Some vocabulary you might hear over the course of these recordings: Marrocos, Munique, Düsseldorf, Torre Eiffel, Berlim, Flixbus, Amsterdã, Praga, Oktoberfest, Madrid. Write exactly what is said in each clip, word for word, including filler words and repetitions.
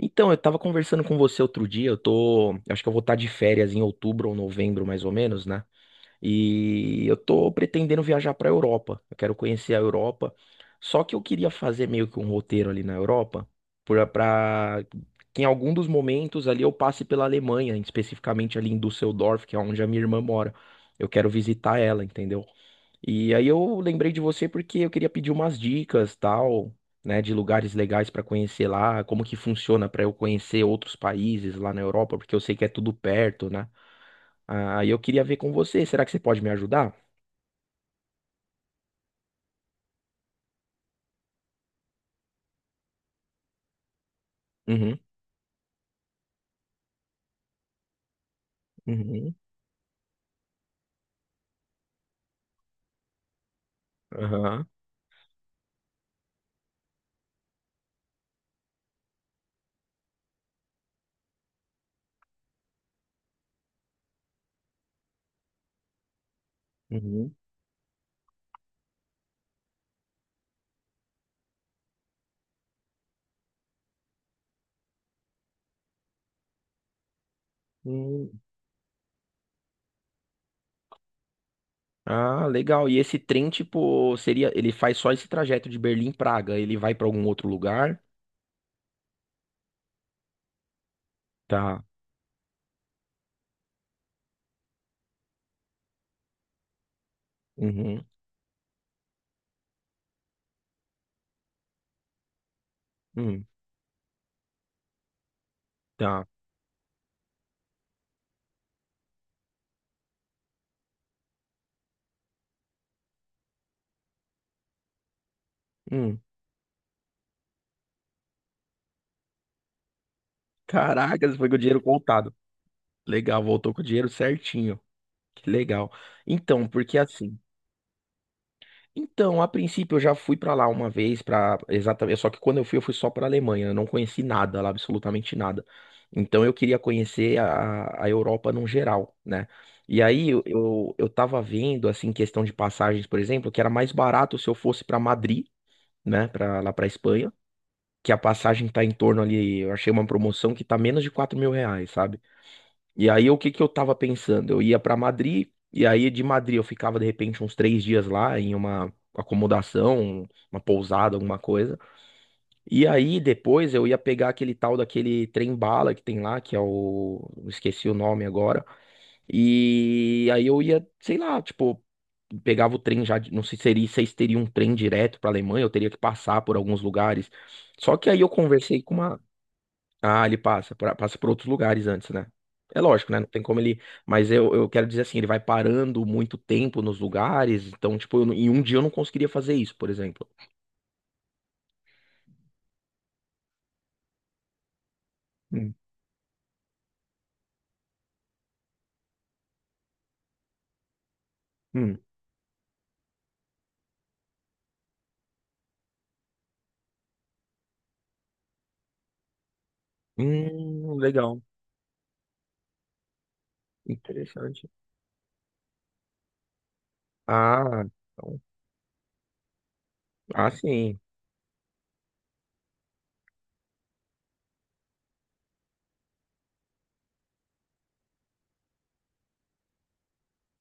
Então, eu tava conversando com você outro dia, eu tô, eu acho que eu vou estar de férias em outubro ou novembro, mais ou menos, né? E eu tô pretendendo viajar para Europa. Eu quero conhecer a Europa. Só que eu queria fazer meio que um roteiro ali na Europa, para que em algum dos momentos ali eu passe pela Alemanha, especificamente ali em Düsseldorf, que é onde a minha irmã mora. Eu quero visitar ela, entendeu? E aí eu lembrei de você porque eu queria pedir umas dicas, tal, né, de lugares legais para conhecer lá, como que funciona para eu conhecer outros países lá na Europa, porque eu sei que é tudo perto, né? Aí eu queria ver com você. Será que você pode me ajudar? Uhum, uhum, aham, uhum, hum. Ah, legal. E esse trem, tipo, seria, ele faz só esse trajeto de Berlim Praga. Ele vai pra algum outro lugar? Tá. Uhum, hum, tá. Hum. Caracas, foi com o dinheiro contado. Legal, voltou com o dinheiro certinho. Que legal. Então, porque assim, então, a princípio eu já fui pra lá uma vez para exatamente, só que quando eu fui eu fui só pra Alemanha, eu não conheci nada lá, absolutamente nada. Então eu queria conhecer a, a Europa num geral, né? E aí eu, eu, eu tava vendo assim questão de passagens, por exemplo, que era mais barato se eu fosse pra Madrid, né, para lá pra Espanha, que a passagem tá em torno ali, eu achei uma promoção que tá menos de quatro mil reais, sabe? E aí, o que que eu tava pensando? Eu ia pra Madrid, e aí de Madrid eu ficava de repente uns três dias lá em uma acomodação, uma pousada, alguma coisa. E aí depois eu ia pegar aquele tal daquele trem-bala que tem lá, que é o. Esqueci o nome agora. E aí eu ia, sei lá, tipo, pegava o trem já, de- não sei se seria, se teria um trem direto pra Alemanha, eu teria que passar por alguns lugares. Só que aí eu conversei com uma ah, ele passa, por- passa por outros lugares antes, né? É lógico, né? Não tem como ele. Mas eu, eu quero dizer assim, ele vai parando muito tempo nos lugares. Então, tipo, eu não- em um dia eu não conseguiria fazer isso, por exemplo. Hum, hum, Hum, legal. Interessante. Ah, então, ah, sim.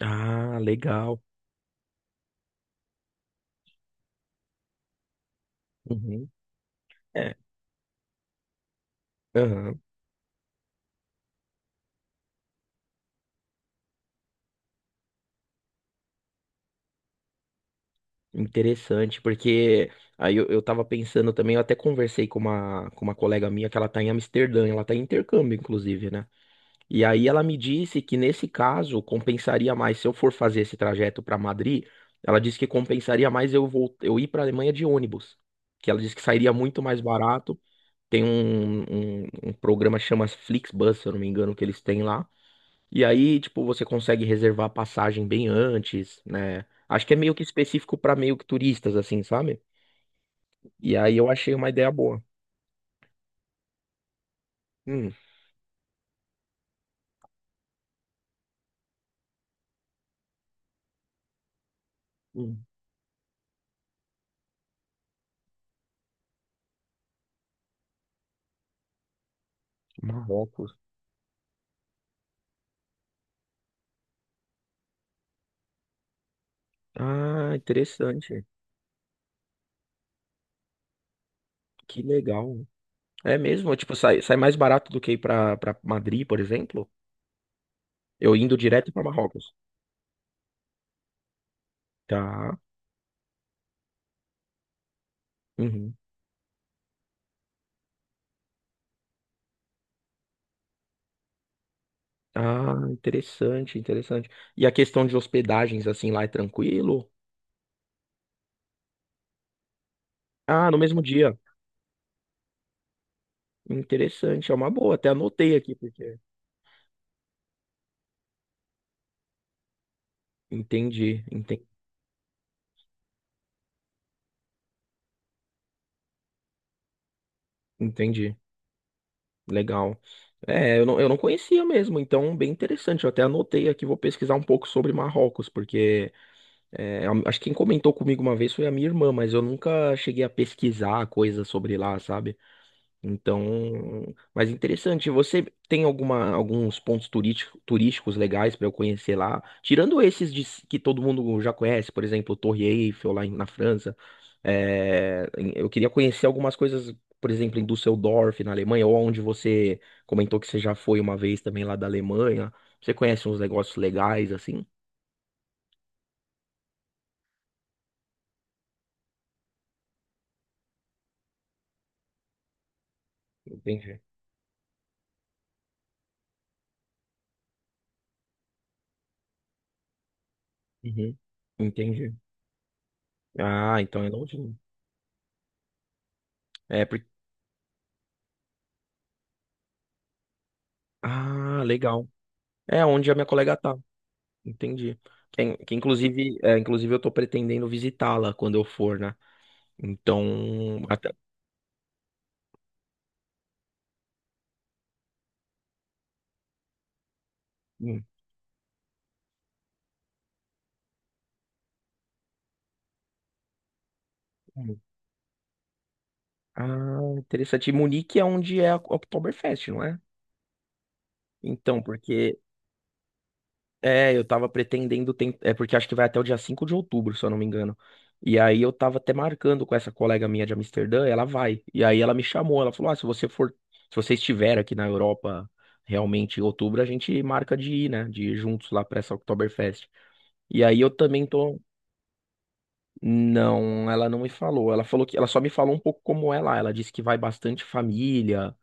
Ah, legal. Uhum. É. Aham. Interessante, porque aí eu, eu tava pensando também, eu até conversei com uma, com uma colega minha que ela tá em Amsterdã, ela tá em intercâmbio, inclusive, né? E aí ela me disse que nesse caso compensaria mais se eu for fazer esse trajeto para Madrid, ela disse que compensaria mais eu vol- eu ir para Alemanha de ônibus, que ela disse que sairia muito mais barato. Tem um, um, um programa que chama Flixbus, se eu não me engano, que eles têm lá. E aí, tipo, você consegue reservar a passagem bem antes, né? Acho que é meio que específico para meio que turistas, assim, sabe? E aí eu achei uma ideia boa. Hum, hum, Marrocos. Ah, interessante. Que legal. É mesmo? Tipo, sai, sai mais barato do que ir pra, pra Madrid, por exemplo? Eu indo direto pra Marrocos. Tá. Uhum. Ah, interessante, interessante. E a questão de hospedagens, assim, lá é tranquilo? Ah, no mesmo dia. Interessante, é uma boa. Até anotei aqui, porque. Entendi, entendi, entendi. Legal. É, eu não, eu não conhecia mesmo, então, bem interessante. Eu até anotei aqui, vou pesquisar um pouco sobre Marrocos, porque. É, a- acho que quem comentou comigo uma vez foi a minha irmã, mas eu nunca cheguei a pesquisar coisa sobre lá, sabe? Então, mas interessante. Você tem alguma, alguns pontos turístico- turísticos legais para eu conhecer lá? Tirando esses de s- que todo mundo já conhece, por exemplo, Torre Eiffel lá em- na França. é, em- eu queria conhecer algumas coisas, por exemplo, em Düsseldorf, na Alemanha, ou onde você comentou que você já foi uma vez também lá da Alemanha. Você conhece uns negócios legais assim? Entendi. Uhum. Entendi. Ah, então é longinho. É, porque... Ah, legal. É onde a minha colega tá. Entendi. Que, que inclusive, é, inclusive eu tô pretendendo visitá-la quando eu for, né? Então, até... Hum, hum. Ah, interessante. E Munique é onde é a Oktoberfest, não é? Então, porque é, eu tava pretendendo, ten- é porque acho que vai até o dia cinco de outubro, se eu não me engano. E aí eu tava até marcando com essa colega minha de Amsterdã, ela vai. E aí ela me chamou, ela falou: "Ah, se você for, se você estiver aqui na Europa realmente em outubro, a gente marca de ir, né, de ir juntos lá pra essa Oktoberfest". E aí eu também tô. Não, ela não me falou. Ela falou que ela só me falou um pouco como é lá. Ela disse que vai bastante família,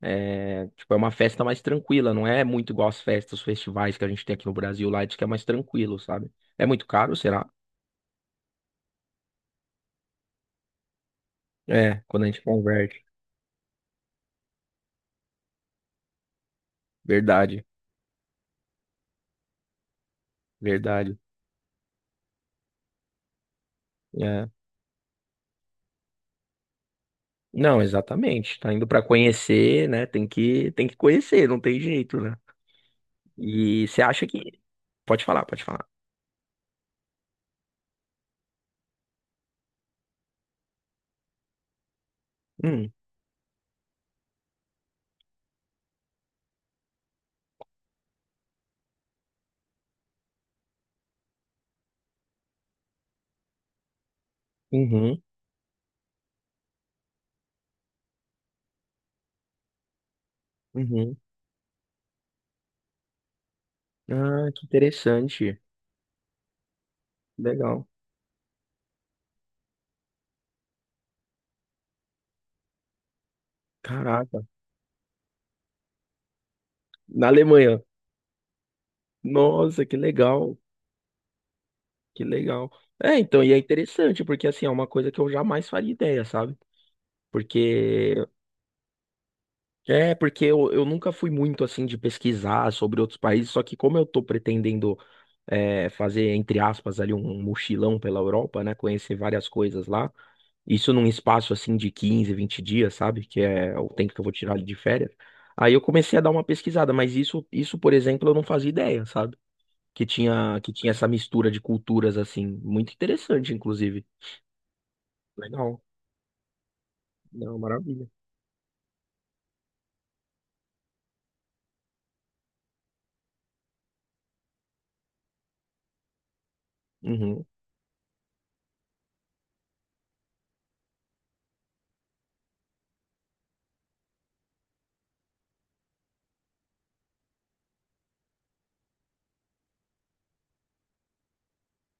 é, tipo, é uma festa mais tranquila, não é muito igual as festas, os festivais que a gente tem aqui no Brasil, lá diz que é mais tranquilo, sabe? É muito caro, será? É, quando a gente converte. Verdade, verdade. É. Não, exatamente. Tá indo pra conhecer, né? Tem que, tem que conhecer, não tem jeito, né? E você acha que. Pode falar, pode falar. Hum, uhum, uhum. Ah, que interessante. Legal. Caraca. Na Alemanha. Nossa, que legal. Que legal. É, então, e é interessante, porque assim, é uma coisa que eu jamais faria ideia, sabe? Porque. É, porque eu, eu nunca fui muito assim de pesquisar sobre outros países, só que como eu tô pretendendo é, fazer, entre aspas, ali um mochilão pela Europa, né? Conhecer várias coisas lá. Isso num espaço assim de quinze vinte dias, sabe? Que é o tempo que eu vou tirar de férias. Aí eu comecei a dar uma pesquisada, mas isso, isso, por exemplo, eu não fazia ideia, sabe? Que tinha, que tinha essa mistura de culturas assim, muito interessante, inclusive. Legal. Não, maravilha. Uhum.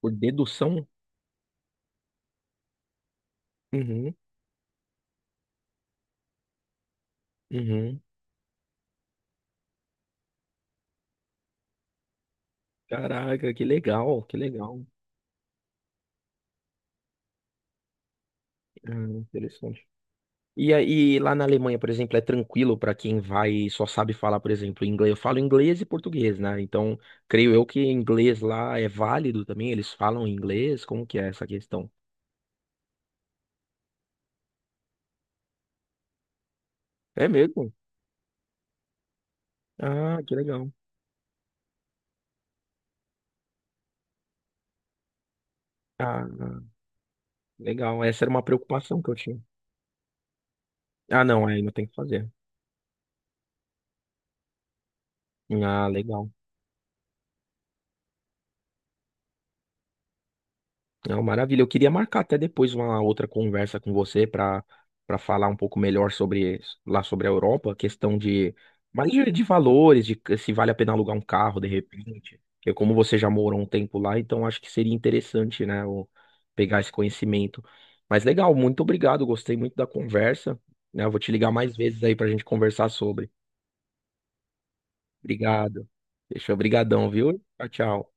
Por dedução? Uhum. Uhum. Caraca, que legal, que legal. Ah, interessante. E aí, lá na Alemanha, por exemplo, é tranquilo para quem vai e só sabe falar, por exemplo, inglês. Eu falo inglês e português, né? Então, creio eu que inglês lá é válido também. Eles falam inglês. Como que é essa questão? É mesmo? Ah, que legal. Ah, legal. Essa era uma preocupação que eu tinha. Ah, não, aí não tem o que fazer. Ah, legal. Não, maravilha. Eu queria marcar até depois uma outra conversa com você para para falar um pouco melhor sobre lá sobre a Europa, questão de mais de, de valores, de se vale a pena alugar um carro de repente. Eu, como você já morou um tempo lá, então acho que seria interessante, né, o- pegar esse conhecimento. Mas legal, muito obrigado, gostei muito da conversa, né? Eu vou te ligar mais vezes aí para a gente conversar sobre. Obrigado. Deixa obrigadão, viu? Tchau, tchau.